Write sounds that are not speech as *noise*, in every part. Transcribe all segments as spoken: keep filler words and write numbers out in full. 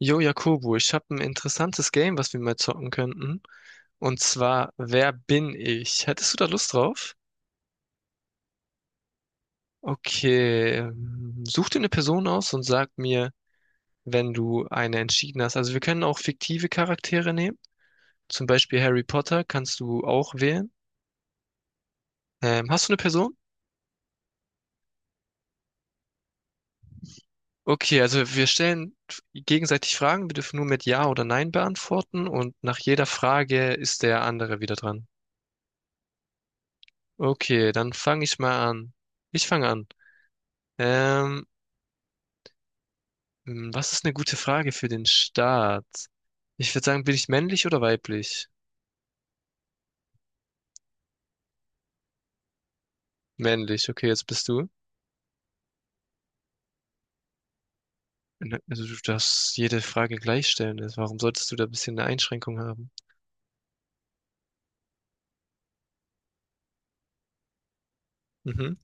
Jo, Jakobo, ich habe ein interessantes Game, was wir mal zocken könnten. Und zwar, wer bin ich? Hättest du da Lust drauf? Okay, ähm, such dir eine Person aus und sag mir, wenn du eine entschieden hast. Also wir können auch fiktive Charaktere nehmen. Zum Beispiel Harry Potter kannst du auch wählen. Ähm, hast du eine Person? Okay, also wir stellen gegenseitig Fragen. Wir dürfen nur mit Ja oder Nein beantworten. Und nach jeder Frage ist der andere wieder dran. Okay, dann fange ich mal an. Ich fange an. Ähm, Hm, Was ist eine gute Frage für den Start? Ich würde sagen, bin ich männlich oder weiblich? Männlich, okay, jetzt bist du. Na, also du darfst jede Frage gleich stellen. Also warum solltest du da ein bisschen eine Einschränkung haben? Mhm.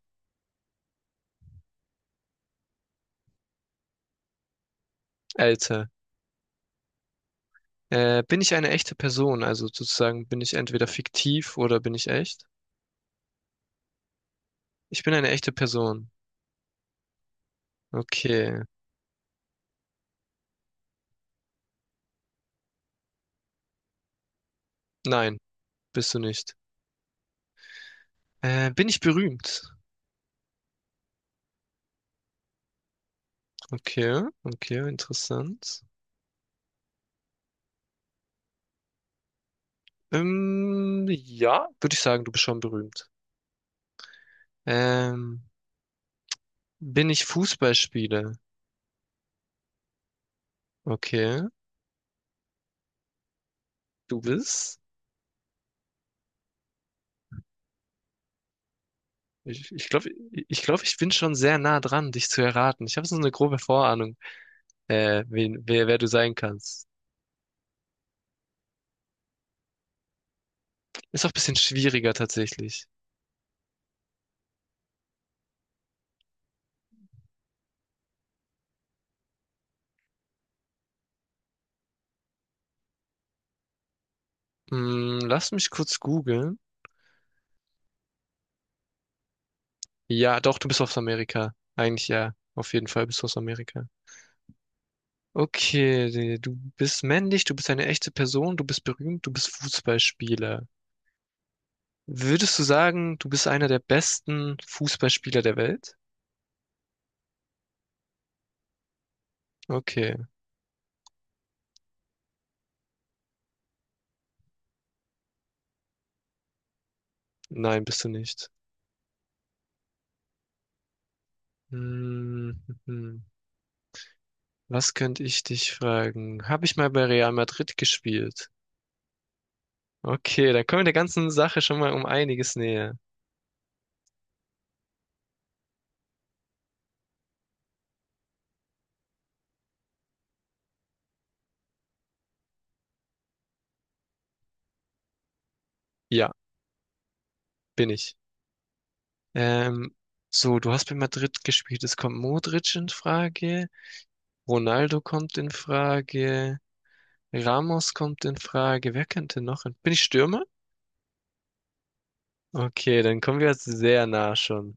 Alter. Äh, bin ich eine echte Person? Also sozusagen bin ich entweder fiktiv oder bin ich echt? Ich bin eine echte Person. Okay. Nein, bist du nicht. Äh, bin ich berühmt? Okay, okay, interessant. Ähm, ja, würde ich sagen, du bist schon berühmt. Ähm, Bin ich Fußballspieler? Okay. Du bist? Ich, ich glaube, ich glaube, ich bin schon sehr nah dran, dich zu erraten. Ich habe so eine grobe Vorahnung, äh, wen, wer, wer du sein kannst. Ist auch ein bisschen schwieriger tatsächlich. Hm, lass mich kurz googeln. Ja, doch, du bist aus Amerika. Eigentlich ja. Auf jeden Fall bist du aus Amerika. Okay, die- du bist männlich, du bist eine echte Person, du bist berühmt, du bist Fußballspieler. Würdest du sagen, du bist einer der besten Fußballspieler der Welt? Okay. Nein, bist du nicht. Hm, hm. Was könnte ich dich fragen? Habe ich mal bei Real Madrid gespielt? Okay, dann kommen wir der ganzen Sache schon mal um einiges näher. Ja, bin ich. Ähm, so, Du hast bei Madrid gespielt. Es kommt Modric in Frage, Ronaldo kommt in Frage, Ramos kommt in Frage. Wer könnte noch in... Bin ich Stürmer? Okay, dann kommen wir jetzt sehr nah schon.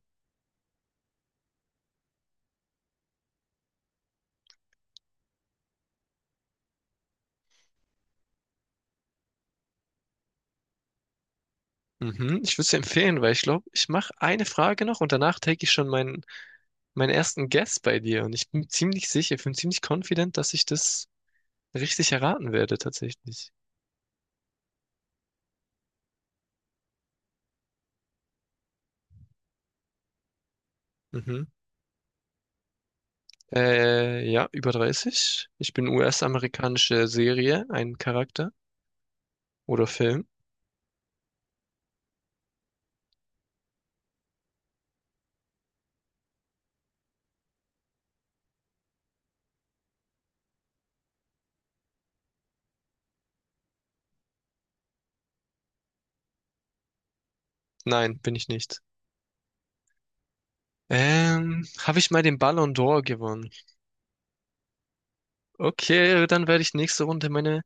Mhm, ich würde es empfehlen, weil ich glaube, ich mache eine Frage noch und danach take ich schon meinen meinen ersten Guess bei dir und ich bin ziemlich sicher, ich bin ziemlich confident, dass ich das richtig erraten werde tatsächlich. Mhm. Äh, ja, über dreißig. Ich bin U S-amerikanische Serie, ein Charakter oder Film. Nein, bin ich nicht. Ähm, habe ich mal den Ballon d'Or gewonnen? Okay, dann werde ich nächste Runde meine,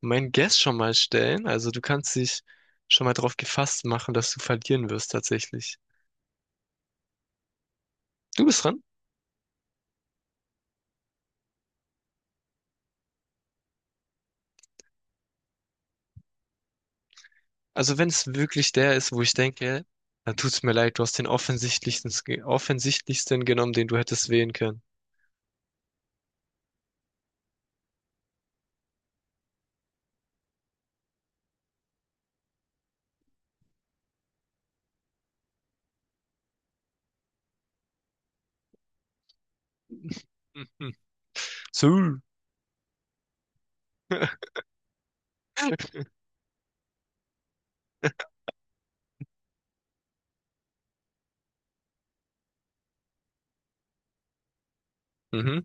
mein Guess schon mal stellen. Also du kannst dich schon mal drauf gefasst machen, dass du verlieren wirst tatsächlich. Du bist dran. Also wenn es wirklich der ist, wo ich denke, dann tut's mir leid, du hast den offensichtlichsten, ge- offensichtlichsten genommen, den du hättest wählen können. Mhm. So. *laughs* Mhm,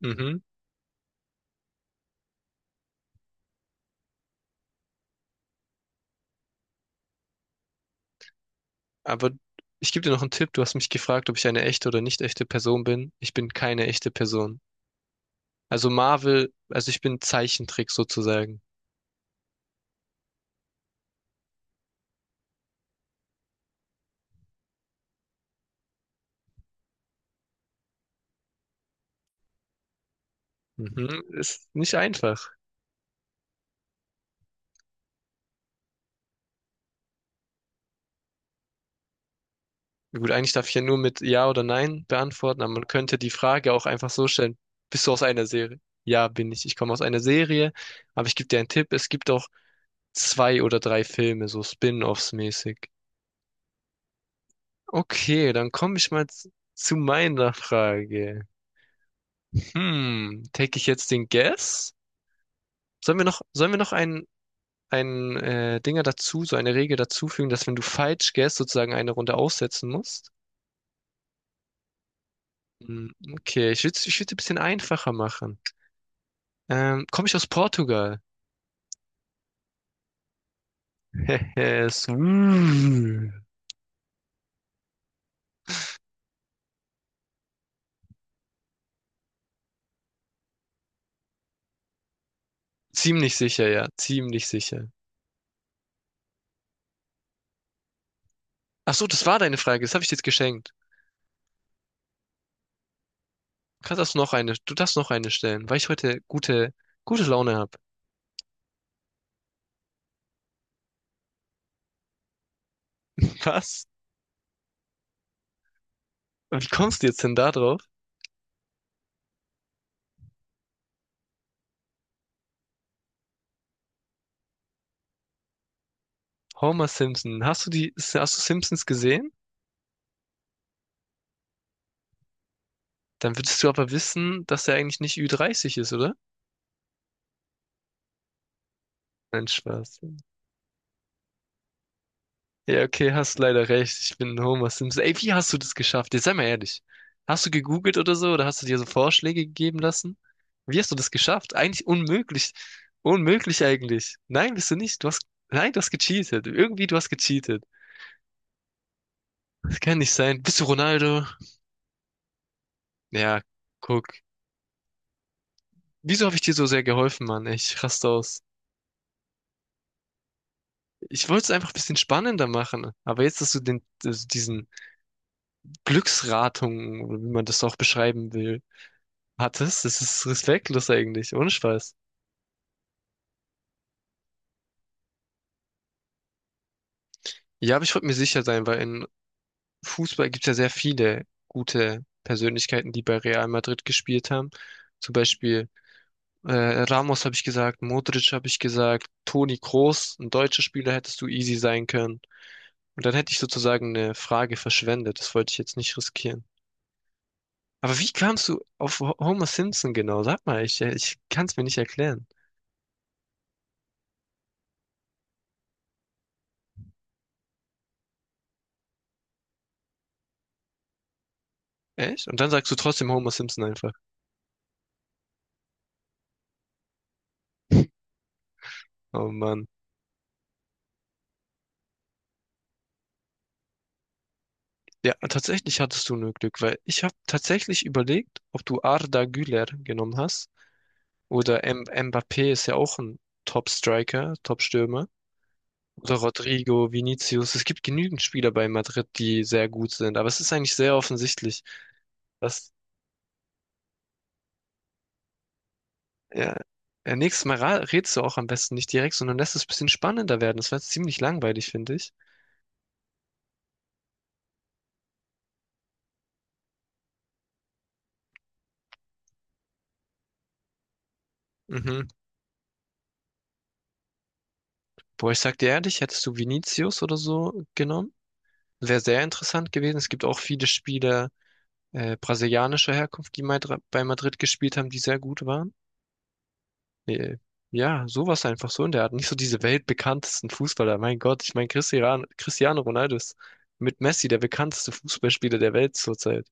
mhm. Aber ich gebe dir noch einen Tipp. Du hast mich gefragt, ob ich eine echte oder nicht echte Person bin. Ich bin keine echte Person. Also Marvel, also ich bin Zeichentrick sozusagen. Mhm. Ist nicht einfach. Gut, eigentlich darf ich ja nur mit Ja oder Nein beantworten, aber man könnte die Frage auch einfach so stellen, bist du aus einer Serie? Ja, bin ich. Ich komme aus einer Serie, aber ich gebe dir einen Tipp, es gibt auch zwei oder drei Filme, so Spin-offs mäßig. Okay, dann komme ich mal z- zu meiner Frage. Hm, take ich jetzt den Guess? Sollen wir noch, sollen wir noch ein, ein äh, Dinger dazu, so eine Regel dazufügen, dass wenn du falsch guess, sozusagen eine Runde aussetzen musst? Hm, okay, ich würde ich würd's ein bisschen einfacher machen. Ähm, komme ich aus Portugal? *laughs* Es- Mm. Ziemlich sicher, ja. Ziemlich sicher. Ach so, das war deine Frage. Das habe ich dir jetzt geschenkt. Kannst das noch eine, du darfst noch eine stellen, weil ich heute gute, gute Laune habe. Was? Wie kommst du jetzt denn da drauf? Homer Simpson. Hast du die, hast du Simpsons gesehen? Dann würdest du aber wissen, dass er eigentlich nicht ü dreißig ist, oder? Nein, Spaß. Ja, okay, hast leider recht. Ich bin Homer Simpson. Ey, wie hast du das geschafft? Jetzt sei mal ehrlich. Hast du gegoogelt oder so? Oder hast du dir so Vorschläge gegeben lassen? Wie hast du das geschafft? Eigentlich unmöglich. Unmöglich eigentlich. Nein, bist du nicht. Du hast, nein, du hast gecheatet. Irgendwie, du hast gecheatet. Das kann nicht sein. Bist du Ronaldo? Ja, guck. Wieso habe ich dir so sehr geholfen, Mann? Ich raste aus. Ich wollte es einfach ein bisschen spannender machen. Aber jetzt, dass du den, also diesen Glücksratung, oder wie man das auch beschreiben will, hat es? Das ist respektlos eigentlich. Ohne Spaß. Ja, aber ich wollte mir sicher sein, weil in Fußball gibt es ja sehr viele gute Persönlichkeiten, die bei Real Madrid gespielt haben. Zum Beispiel äh, Ramos habe ich gesagt, Modric habe ich gesagt, Toni Kroos, ein deutscher Spieler hättest du easy sein können. Und dann hätte ich sozusagen eine Frage verschwendet. Das wollte ich jetzt nicht riskieren. Aber wie kamst du auf Ho- Homer Simpson genau? Sag mal, ich, äh, ich kann es mir nicht erklären. Echt? Und dann sagst du trotzdem Homer Simpson einfach. *laughs* Oh Mann. Ja, tatsächlich hattest du nur Glück, weil ich habe tatsächlich überlegt, ob du Arda Güler genommen hast oder M Mbappé ist ja auch ein Top-Striker, Top-Stürmer oder Rodrigo, Vinicius. Es gibt genügend Spieler bei Madrid, die sehr gut sind, aber es ist eigentlich sehr offensichtlich, dass ja, ja, nächstes Mal ra- rätst du auch am besten nicht direkt, sondern lässt es ein bisschen spannender werden. Das war jetzt ziemlich langweilig, finde ich. Mhm. Boah, ich sag dir ehrlich, hättest du Vinicius oder so genommen, wäre sehr interessant gewesen. Es gibt auch viele Spieler äh, brasilianischer Herkunft, die Madri- bei Madrid gespielt haben, die sehr gut waren. Äh, ja, sowas einfach so in der Art. Nicht so diese weltbekanntesten Fußballer. Mein Gott, ich meine, Cristiano, Cristiano Ronaldo ist mit Messi der bekannteste Fußballspieler der Welt zurzeit.